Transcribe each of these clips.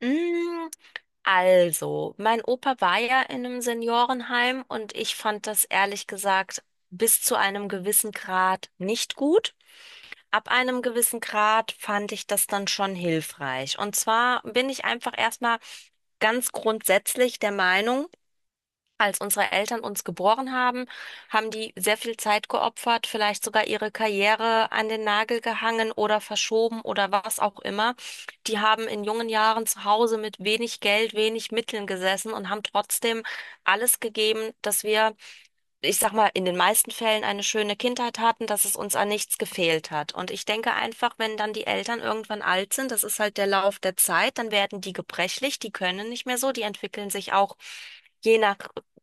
Mm, Also, mein Opa war ja in einem Seniorenheim und ich fand das ehrlich gesagt bis zu einem gewissen Grad nicht gut. Ab einem gewissen Grad fand ich das dann schon hilfreich. Und zwar bin ich einfach erstmal ganz grundsätzlich der Meinung, als unsere Eltern uns geboren haben, haben die sehr viel Zeit geopfert, vielleicht sogar ihre Karriere an den Nagel gehangen oder verschoben oder was auch immer. Die haben in jungen Jahren zu Hause mit wenig Geld, wenig Mitteln gesessen und haben trotzdem alles gegeben, dass wir, ich sag mal, in den meisten Fällen eine schöne Kindheit hatten, dass es uns an nichts gefehlt hat. Und ich denke einfach, wenn dann die Eltern irgendwann alt sind, das ist halt der Lauf der Zeit, dann werden die gebrechlich, die können nicht mehr so, die entwickeln sich auch je nach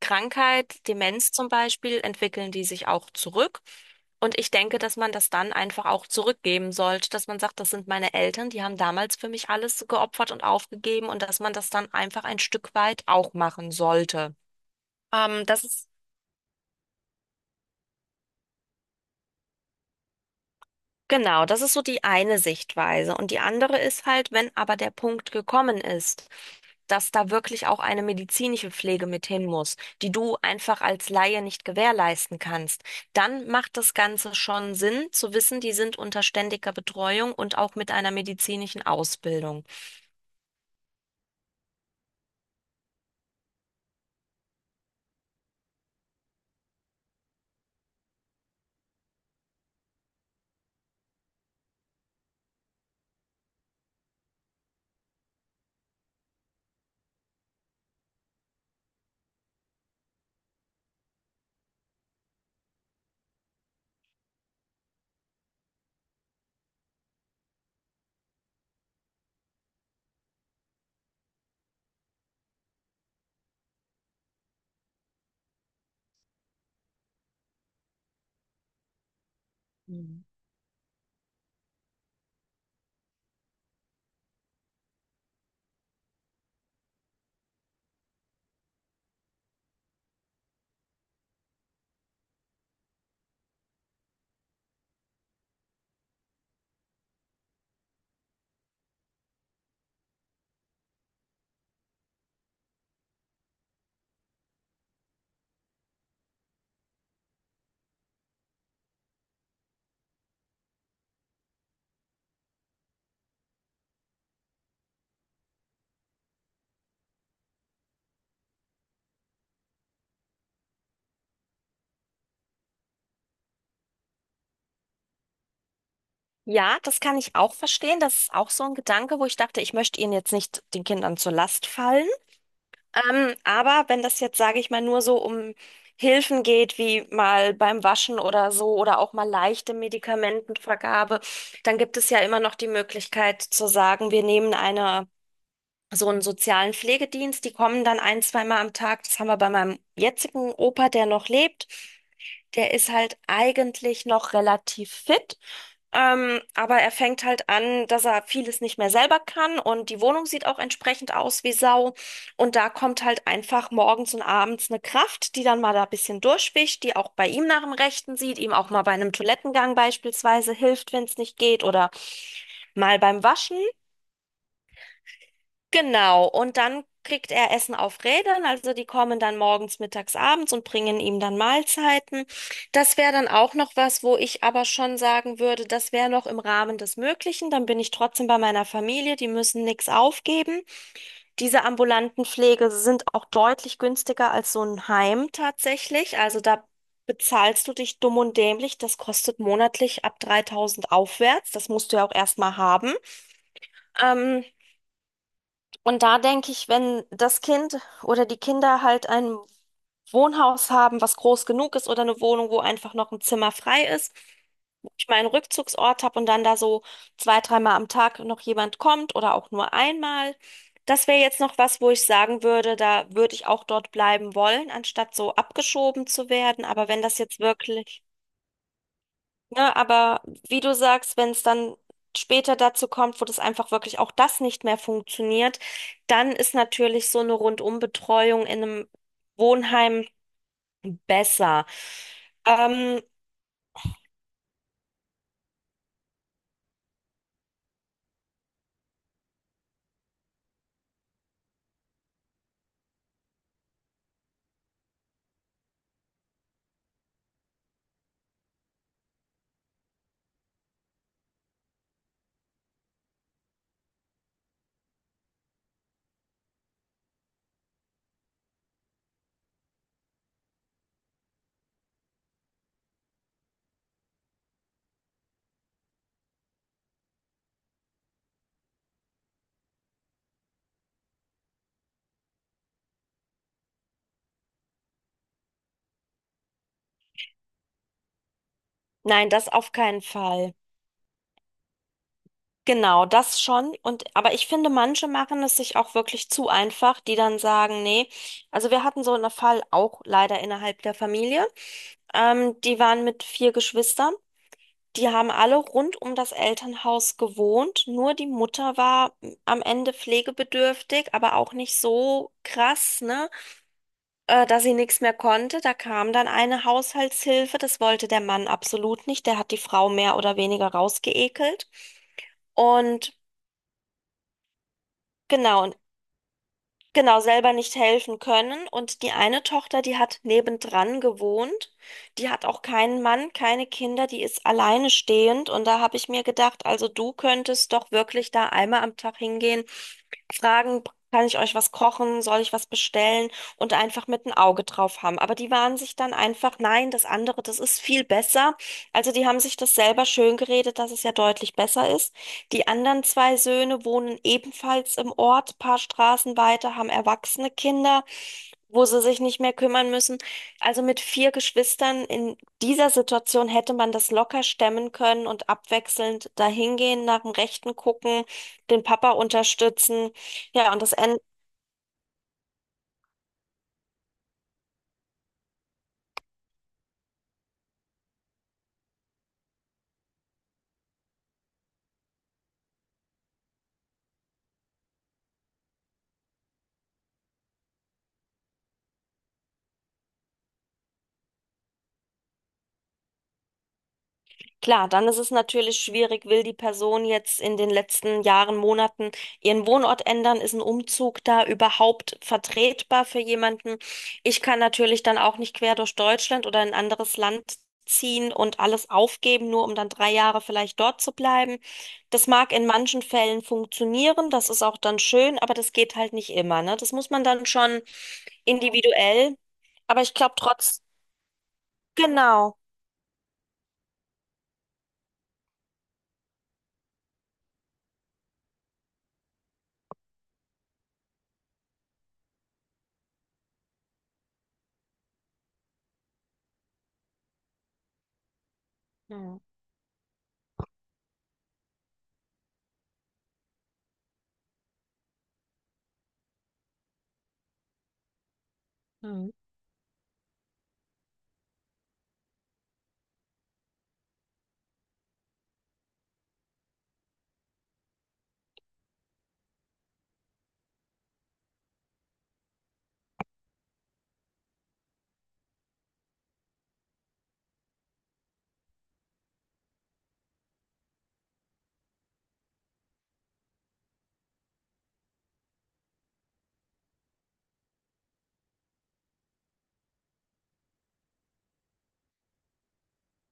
Krankheit, Demenz zum Beispiel, entwickeln die sich auch zurück. Und ich denke, dass man das dann einfach auch zurückgeben sollte, dass man sagt, das sind meine Eltern, die haben damals für mich alles geopfert und aufgegeben und dass man das dann einfach ein Stück weit auch machen sollte. Das ist Genau, das ist so die eine Sichtweise. Und die andere ist halt, wenn aber der Punkt gekommen ist, dass da wirklich auch eine medizinische Pflege mit hin muss, die du einfach als Laie nicht gewährleisten kannst, dann macht das Ganze schon Sinn zu wissen, die sind unter ständiger Betreuung und auch mit einer medizinischen Ausbildung. Mhm. Ja, das kann ich auch verstehen. Das ist auch so ein Gedanke, wo ich dachte, ich möchte ihnen jetzt nicht den Kindern zur Last fallen. Aber wenn das jetzt, sage ich mal, nur so um Hilfen geht, wie mal beim Waschen oder so oder auch mal leichte Medikamentenvergabe, dann gibt es ja immer noch die Möglichkeit zu sagen, wir nehmen eine so einen sozialen Pflegedienst, die kommen dann ein, zweimal am Tag. Das haben wir bei meinem jetzigen Opa, der noch lebt. Der ist halt eigentlich noch relativ fit, aber er fängt halt an, dass er vieles nicht mehr selber kann und die Wohnung sieht auch entsprechend aus wie Sau. Und da kommt halt einfach morgens und abends eine Kraft, die dann mal da ein bisschen durchwischt, die auch bei ihm nach dem Rechten sieht, ihm auch mal bei einem Toilettengang beispielsweise hilft, wenn es nicht geht oder mal beim Waschen. Genau, und dann kriegt er Essen auf Rädern, also die kommen dann morgens, mittags, abends und bringen ihm dann Mahlzeiten. Das wäre dann auch noch was, wo ich aber schon sagen würde, das wäre noch im Rahmen des Möglichen. Dann bin ich trotzdem bei meiner Familie, die müssen nichts aufgeben. Diese ambulanten Pflege sind auch deutlich günstiger als so ein Heim tatsächlich. Also da bezahlst du dich dumm und dämlich. Das kostet monatlich ab 3.000 aufwärts. Das musst du ja auch erstmal haben. Ähm, und da denke ich, wenn das Kind oder die Kinder halt ein Wohnhaus haben, was groß genug ist oder eine Wohnung, wo einfach noch ein Zimmer frei ist, wo ich meinen Rückzugsort habe und dann da so zwei, dreimal am Tag noch jemand kommt oder auch nur einmal. Das wäre jetzt noch was, wo ich sagen würde, da würde ich auch dort bleiben wollen, anstatt so abgeschoben zu werden. Aber wenn das jetzt wirklich Ne, aber wie du sagst, wenn es dann später dazu kommt, wo das einfach wirklich auch das nicht mehr funktioniert, dann ist natürlich so eine Rundumbetreuung in einem Wohnheim besser. Ähm, nein, das auf keinen Fall. Genau, das schon. Und, aber ich finde, manche machen es sich auch wirklich zu einfach, die dann sagen, nee. Also wir hatten so einen Fall auch leider innerhalb der Familie. Die waren mit vier Geschwistern. Die haben alle rund um das Elternhaus gewohnt, nur die Mutter war am Ende pflegebedürftig, aber auch nicht so krass, ne, dass sie nichts mehr konnte. Da kam dann eine Haushaltshilfe, das wollte der Mann absolut nicht, der hat die Frau mehr oder weniger rausgeekelt. Und genau, und genau selber nicht helfen können. Und die eine Tochter, die hat nebendran gewohnt, die hat auch keinen Mann, keine Kinder, die ist alleine stehend. Und da habe ich mir gedacht, also du könntest doch wirklich da einmal am Tag hingehen, fragen, kann ich euch was kochen, soll ich was bestellen und einfach mit ein Auge drauf haben. Aber die waren sich dann einfach, nein, das andere, das ist viel besser. Also die haben sich das selber schön geredet, dass es ja deutlich besser ist. Die anderen zwei Söhne wohnen ebenfalls im Ort, paar Straßen weiter, haben erwachsene Kinder, wo sie sich nicht mehr kümmern müssen. Also mit vier Geschwistern in dieser Situation hätte man das locker stemmen können und abwechselnd dahingehen, nach dem Rechten gucken, den Papa unterstützen. Ja, und das Ende Klar, dann ist es natürlich schwierig, will die Person jetzt in den letzten Jahren, Monaten ihren Wohnort ändern? Ist ein Umzug da überhaupt vertretbar für jemanden? Ich kann natürlich dann auch nicht quer durch Deutschland oder in ein anderes Land ziehen und alles aufgeben, nur um dann 3 Jahre vielleicht dort zu bleiben. Das mag in manchen Fällen funktionieren, das ist auch dann schön, aber das geht halt nicht immer, ne? Das muss man dann schon individuell, aber ich glaube trotz, genau. Mhm. Mhm.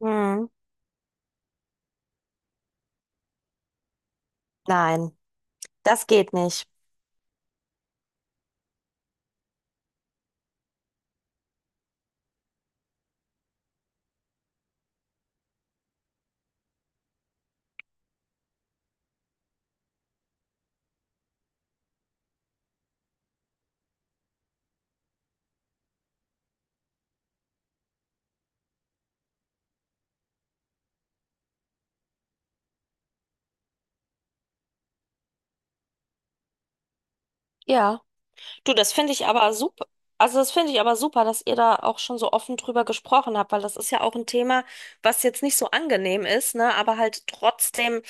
Hm, nein. Das geht nicht. Ja, du, das finde ich aber super. Also das finde ich aber super, dass ihr da auch schon so offen drüber gesprochen habt, weil das ist ja auch ein Thema, was jetzt nicht so angenehm ist, ne, aber halt trotzdem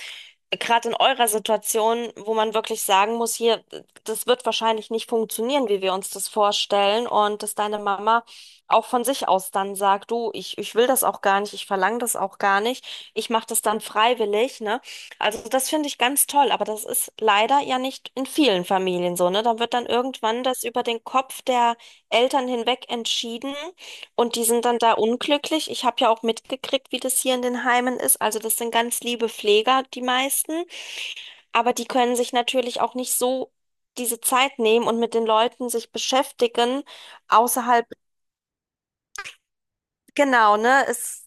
gerade in eurer Situation, wo man wirklich sagen muss, hier, das wird wahrscheinlich nicht funktionieren, wie wir uns das vorstellen. Und dass deine Mama auch von sich aus dann sagt, du, ich will das auch gar nicht, ich verlange das auch gar nicht, ich mache das dann freiwillig, ne? Also das finde ich ganz toll, aber das ist leider ja nicht in vielen Familien so, ne? Da wird dann irgendwann das über den Kopf der Eltern hinweg entschieden. Und die sind dann da unglücklich. Ich habe ja auch mitgekriegt, wie das hier in den Heimen ist. Also das sind ganz liebe Pfleger, die meisten. Aber die können sich natürlich auch nicht so diese Zeit nehmen und mit den Leuten sich beschäftigen, außerhalb, genau, ne? Es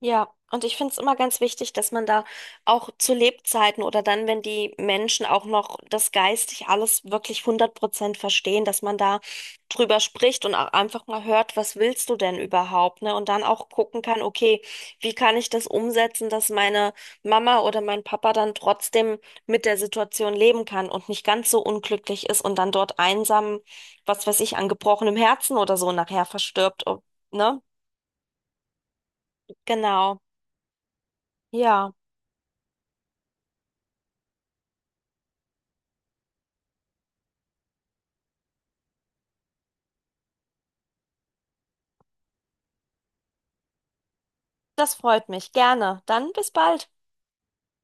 Ja, und ich finde es immer ganz wichtig, dass man da auch zu Lebzeiten oder dann, wenn die Menschen auch noch das geistig alles wirklich 100% verstehen, dass man da drüber spricht und auch einfach mal hört, was willst du denn überhaupt, ne? Und dann auch gucken kann, okay, wie kann ich das umsetzen, dass meine Mama oder mein Papa dann trotzdem mit der Situation leben kann und nicht ganz so unglücklich ist und dann dort einsam, was weiß ich, an gebrochenem Herzen oder so nachher verstirbt, ne? Genau. Ja. Das freut mich. Gerne. Dann bis bald.